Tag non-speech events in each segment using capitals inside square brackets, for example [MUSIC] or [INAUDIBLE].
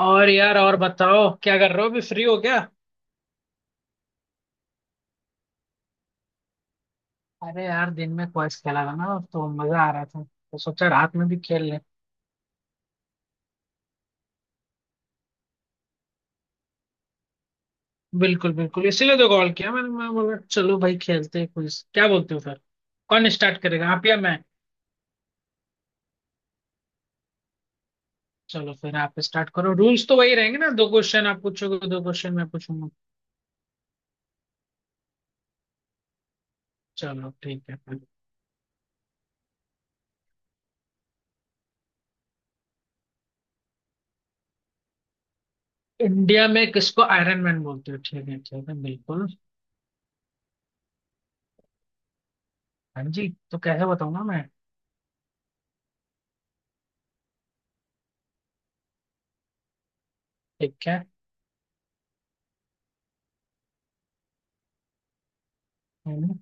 और यार, और बताओ क्या कर रहे हो? अभी फ्री हो क्या? अरे यार, दिन में क्वेस्ट खेला था ना, तो मजा आ रहा था। तो सोचा रात में भी खेल लें। बिल्कुल बिल्कुल, इसीलिए तो कॉल किया मैंने। मैं बोला, चलो भाई खेलते हैं क्विज, क्या बोलते हो फिर? कौन स्टार्ट करेगा, आप या मैं? चलो फिर आप स्टार्ट करो। रूल्स तो वही रहेंगे ना, दो क्वेश्चन आप पूछोगे, दो क्वेश्चन मैं पूछूंगा। चलो ठीक है फिर। इंडिया में किसको आयरन मैन बोलते हो? ठीक है, ठीक है, बिल्कुल। हाँ जी, तो कैसे बताऊंगा मैं? ठीक है। हम्म।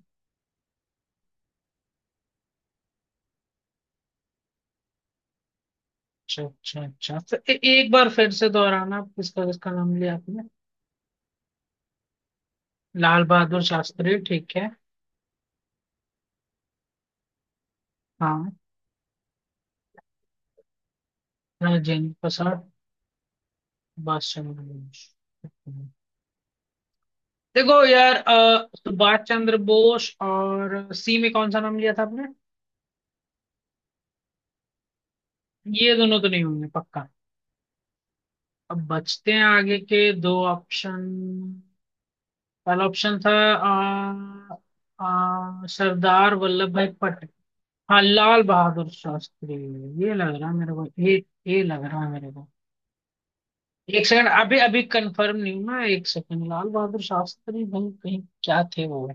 अच्छा अच्छा अच्छा, तो एक बार फिर से दोहराना, किसका किसका नाम लिया आपने? लाल बहादुर शास्त्री, ठीक है। हाँ। राजेंद्र प्रसाद। सुभाष चंद्र बोस। देखो यार, सुभाष चंद्र बोस और सी में कौन सा नाम लिया था आपने? ये दोनों तो नहीं होंगे पक्का। अब बचते हैं आगे के दो ऑप्शन। पहला ऑप्शन था सरदार वल्लभ भाई। हाँ, लाल बहादुर शास्त्री। ये लग रहा है मेरे को, ये। ये लग रहा है मेरे को। एक सेकंड, अभी अभी कंफर्म नहीं हूँ ना। एक सेकंड, लाल बहादुर शास्त्री भाई कहीं क्या थे वो?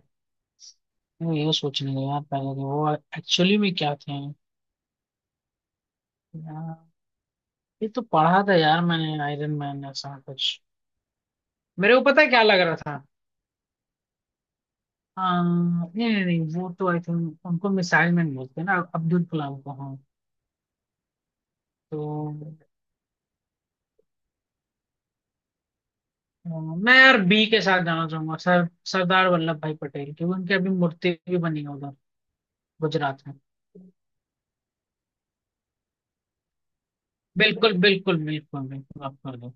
वो ये सोचने लगा यार पहले कि वो एक्चुअली में क्या थे। यार, ये तो पढ़ा था यार मैंने आयरन मैन, ऐसा कुछ। मेरे को पता है क्या लग रहा था। नहीं नहीं नहीं, वो तो आई थिंक उनको मिसाइल मैन बोलते हैं ना, अब्दुल कलाम को। हाँ, तो हाँ, मैं यार बी के साथ जाना चाहूंगा। सर सरदार वल्लभ भाई पटेल की उनकी अभी मूर्ति भी बनी है उधर, गुजरात में। बिल्कुल बिल्कुल बिल्कुल बिल्कुल, आप कर दो।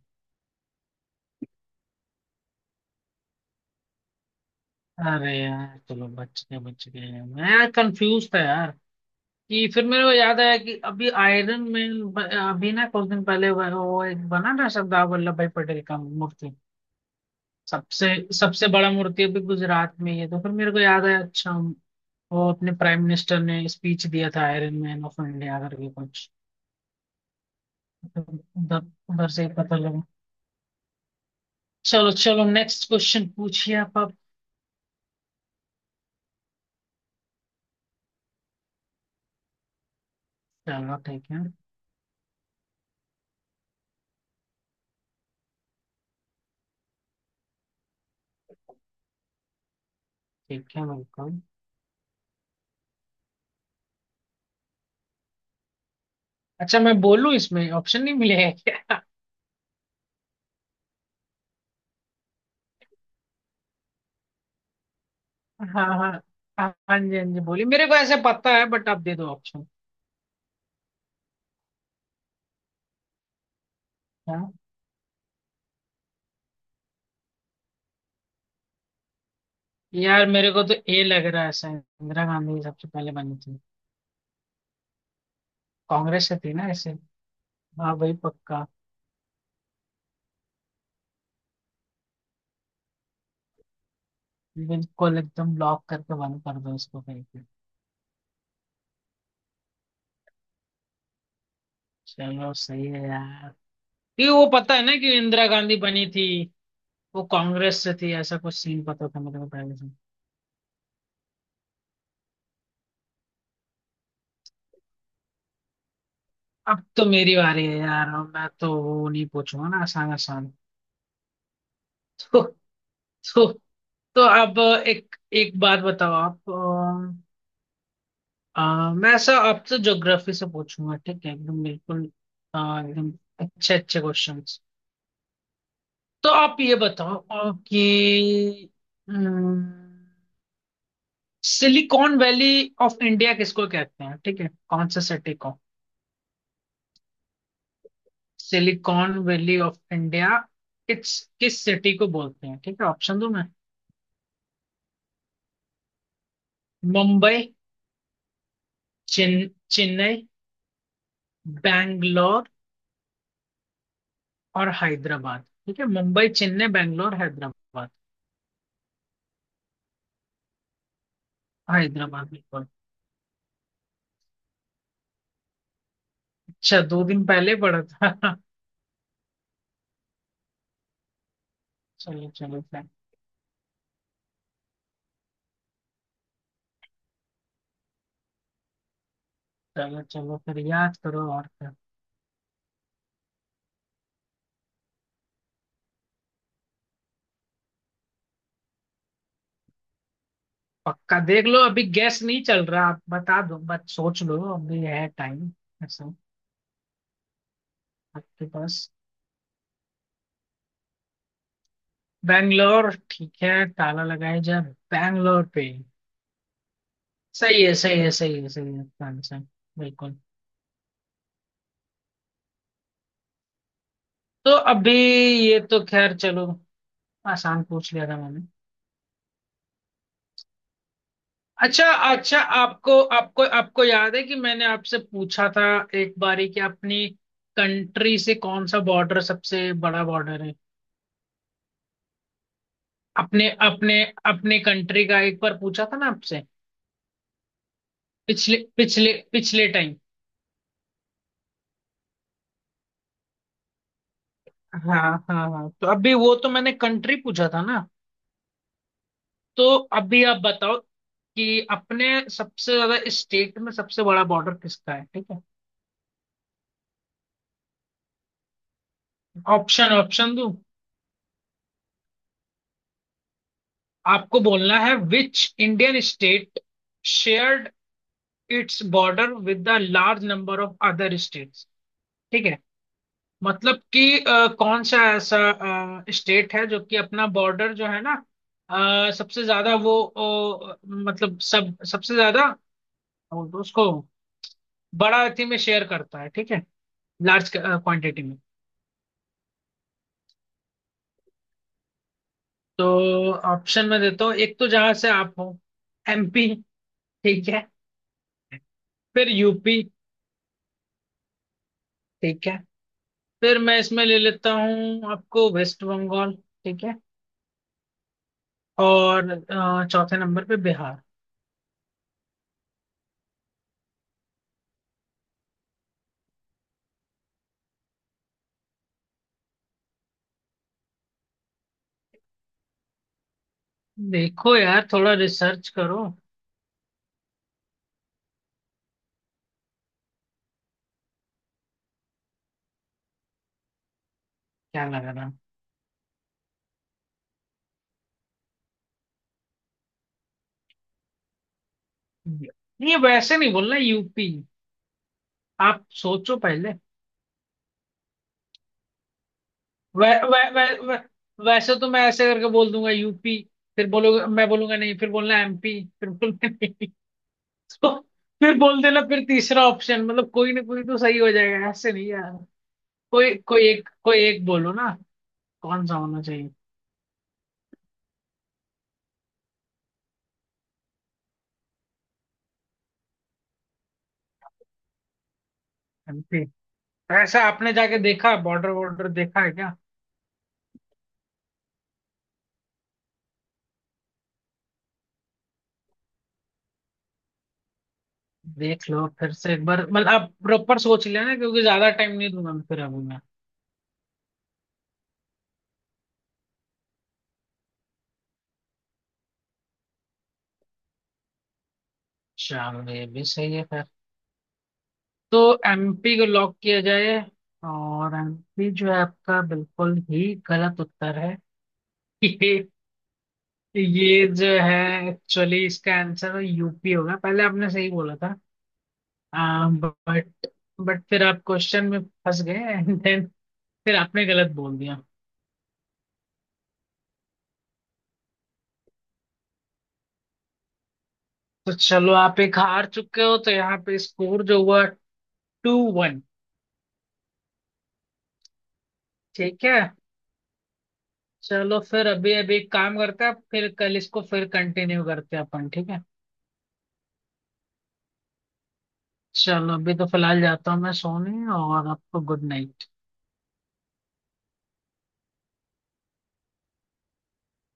अरे यार चलो, बच गए, बच गए। मैं यार कंफ्यूज था यार। कि फिर मेरे को याद आया कि अभी आयरन मैन अभी ना कुछ दिन पहले वो एक बना ना, सरदार वल्लभ भाई पटेल का मूर्ति। सबसे सबसे बड़ा मूर्ति अभी गुजरात में ही है, तो फिर मेरे को याद आया। अच्छा, वो अपने प्राइम मिनिस्टर ने स्पीच दिया था, आयरन मैन ऑफ इंडिया करके कुछ। तो उधर उधर से ही पता लगा। चलो चलो, नेक्स्ट क्वेश्चन पूछिए आप अब। चलो ठीक है। ठीक है, बिल्कुल। अच्छा मैं बोलूं, इसमें ऑप्शन नहीं मिलेगा क्या? [LAUGHS] हाँ हाँ हाँ। हाँ जी, हाँ जी, बोलिए। मेरे को ऐसे पता है, बट आप दे दो ऑप्शन। हाँ यार, मेरे को तो ए लग रहा है, शायद इंदिरा गांधी सबसे पहले बनी थी। कांग्रेस से थी ना ऐसे। हाँ भाई, पक्का। बिल्कुल एकदम, ब्लॉक करके बंद कर दो इसको कहीं पे। चलो सही है यार। ये वो पता है ना कि इंदिरा गांधी बनी थी। वो कांग्रेस से थी, ऐसा कुछ सीन पता था मेरे को पहले से। अब तो मेरी बारी है यार। अब मैं तो वो नहीं पूछूंगा ना, आसान आसान। तो तो अब एक एक बात बताओ आप। मैं ऐसा आपसे ज्योग्राफी से पूछूंगा, ठीक है, एकदम बिल्कुल। अ, एकदम अच्छे अच्छे क्वेश्चंस। तो आप ये बताओ कि सिलिकॉन वैली ऑफ इंडिया किसको कहते हैं? ठीक है, कौन से सिटी को? सिलिकॉन वैली ऑफ इंडिया किस किस सिटी को बोलते हैं? ठीक है, ऑप्शन दो मैं। मुंबई, चेन- चेन्नई, बैंगलोर और हैदराबाद। ठीक है, मुंबई चेन्नई बैंगलोर हैदराबाद। हैदराबाद बिल्कुल। अच्छा, दो दिन पहले पढ़ा था। [LAUGHS] चलो चलो फिर। चलो चलो फिर याद करो, और क्या। पक्का देख लो, अभी गैस नहीं चल रहा, आप बता दो बस, सोच लो, अभी है टाइम ऐसा। आपके पास बैंगलोर, ठीक है, ताला लगाया जाए बैंगलोर पे। सही है सही है सही है सही है, आपका आंसर बिल्कुल। तो अभी ये तो खैर चलो, आसान पूछ लिया था मैंने। अच्छा, अच्छा, आपको आपको आपको याद है कि मैंने आपसे पूछा था एक बारी, कि अपनी कंट्री से कौन सा बॉर्डर सबसे बड़ा बॉर्डर है? अपने अपने अपने कंट्री का एक बार पूछा था ना आपसे, पिछले पिछले पिछले टाइम। हाँ हाँ हाँ, तो अभी वो तो मैंने कंट्री पूछा था ना, तो अभी आप बताओ कि अपने सबसे ज्यादा स्टेट में, सबसे बड़ा बॉर्डर किसका है, ठीक है? ऑप्शन ऑप्शन दूं? आपको बोलना है which Indian state shared its border with the large number of other states, ठीक है? मतलब कि कौन सा ऐसा स्टेट है जो कि अपना बॉर्डर जो है ना, सबसे ज्यादा वो मतलब सब सबसे ज्यादा उसको बड़ा अथी में शेयर करता है, ठीक है, लार्ज क्वांटिटी में। तो ऑप्शन में देता हूँ, एक तो जहां से आप हो, एमपी, ठीक है। फिर यूपी, ठीक है। फिर मैं इसमें ले लेता हूँ आपको, वेस्ट बंगाल, ठीक है। और चौथे नंबर पे बिहार। देखो यार, थोड़ा रिसर्च करो। क्या लग रहा है? नहीं, वैसे नहीं बोलना यूपी, आप सोचो पहले। वै, वै, वै, वै, वैसे तो मैं ऐसे करके बोल दूंगा यूपी, फिर बोलोगे, मैं बोलूंगा नहीं, फिर बोलना एमपी, फिर बोलना। तो फिर बोल देना फिर तीसरा ऑप्शन, मतलब कोई ना कोई तो सही हो जाएगा, ऐसे नहीं यार। कोई कोई एक बोलो ना, कौन सा होना चाहिए? एमपी। तो ऐसा आपने जाके देखा, बॉर्डर वॉर्डर देखा है क्या? देख लो फिर से एक बार, मतलब आप प्रॉपर सोच लेना, क्योंकि ज्यादा टाइम नहीं दूंगा मैं फिर अभी मैं। शाम, ये भी सही है फिर। तो एमपी को लॉक किया जाए। और एमपी जो है, आपका बिल्कुल ही गलत उत्तर है। [LAUGHS] ये जो है, एक्चुअली इसका आंसर यूपी होगा। पहले आपने सही बोला था। आ, बट बट फिर आप क्वेश्चन में फंस गए, एंड देन फिर आपने गलत बोल दिया। तो चलो, आप एक हार चुके हो, तो यहाँ पे स्कोर जो हुआ, 2 1। ठीक है, चलो फिर अभी अभी एक काम करते हैं, फिर कल इसको फिर कंटिन्यू करते हैं अपन, ठीक है। चलो, अभी तो फिलहाल जाता हूँ मैं सोने, और आपको गुड नाइट।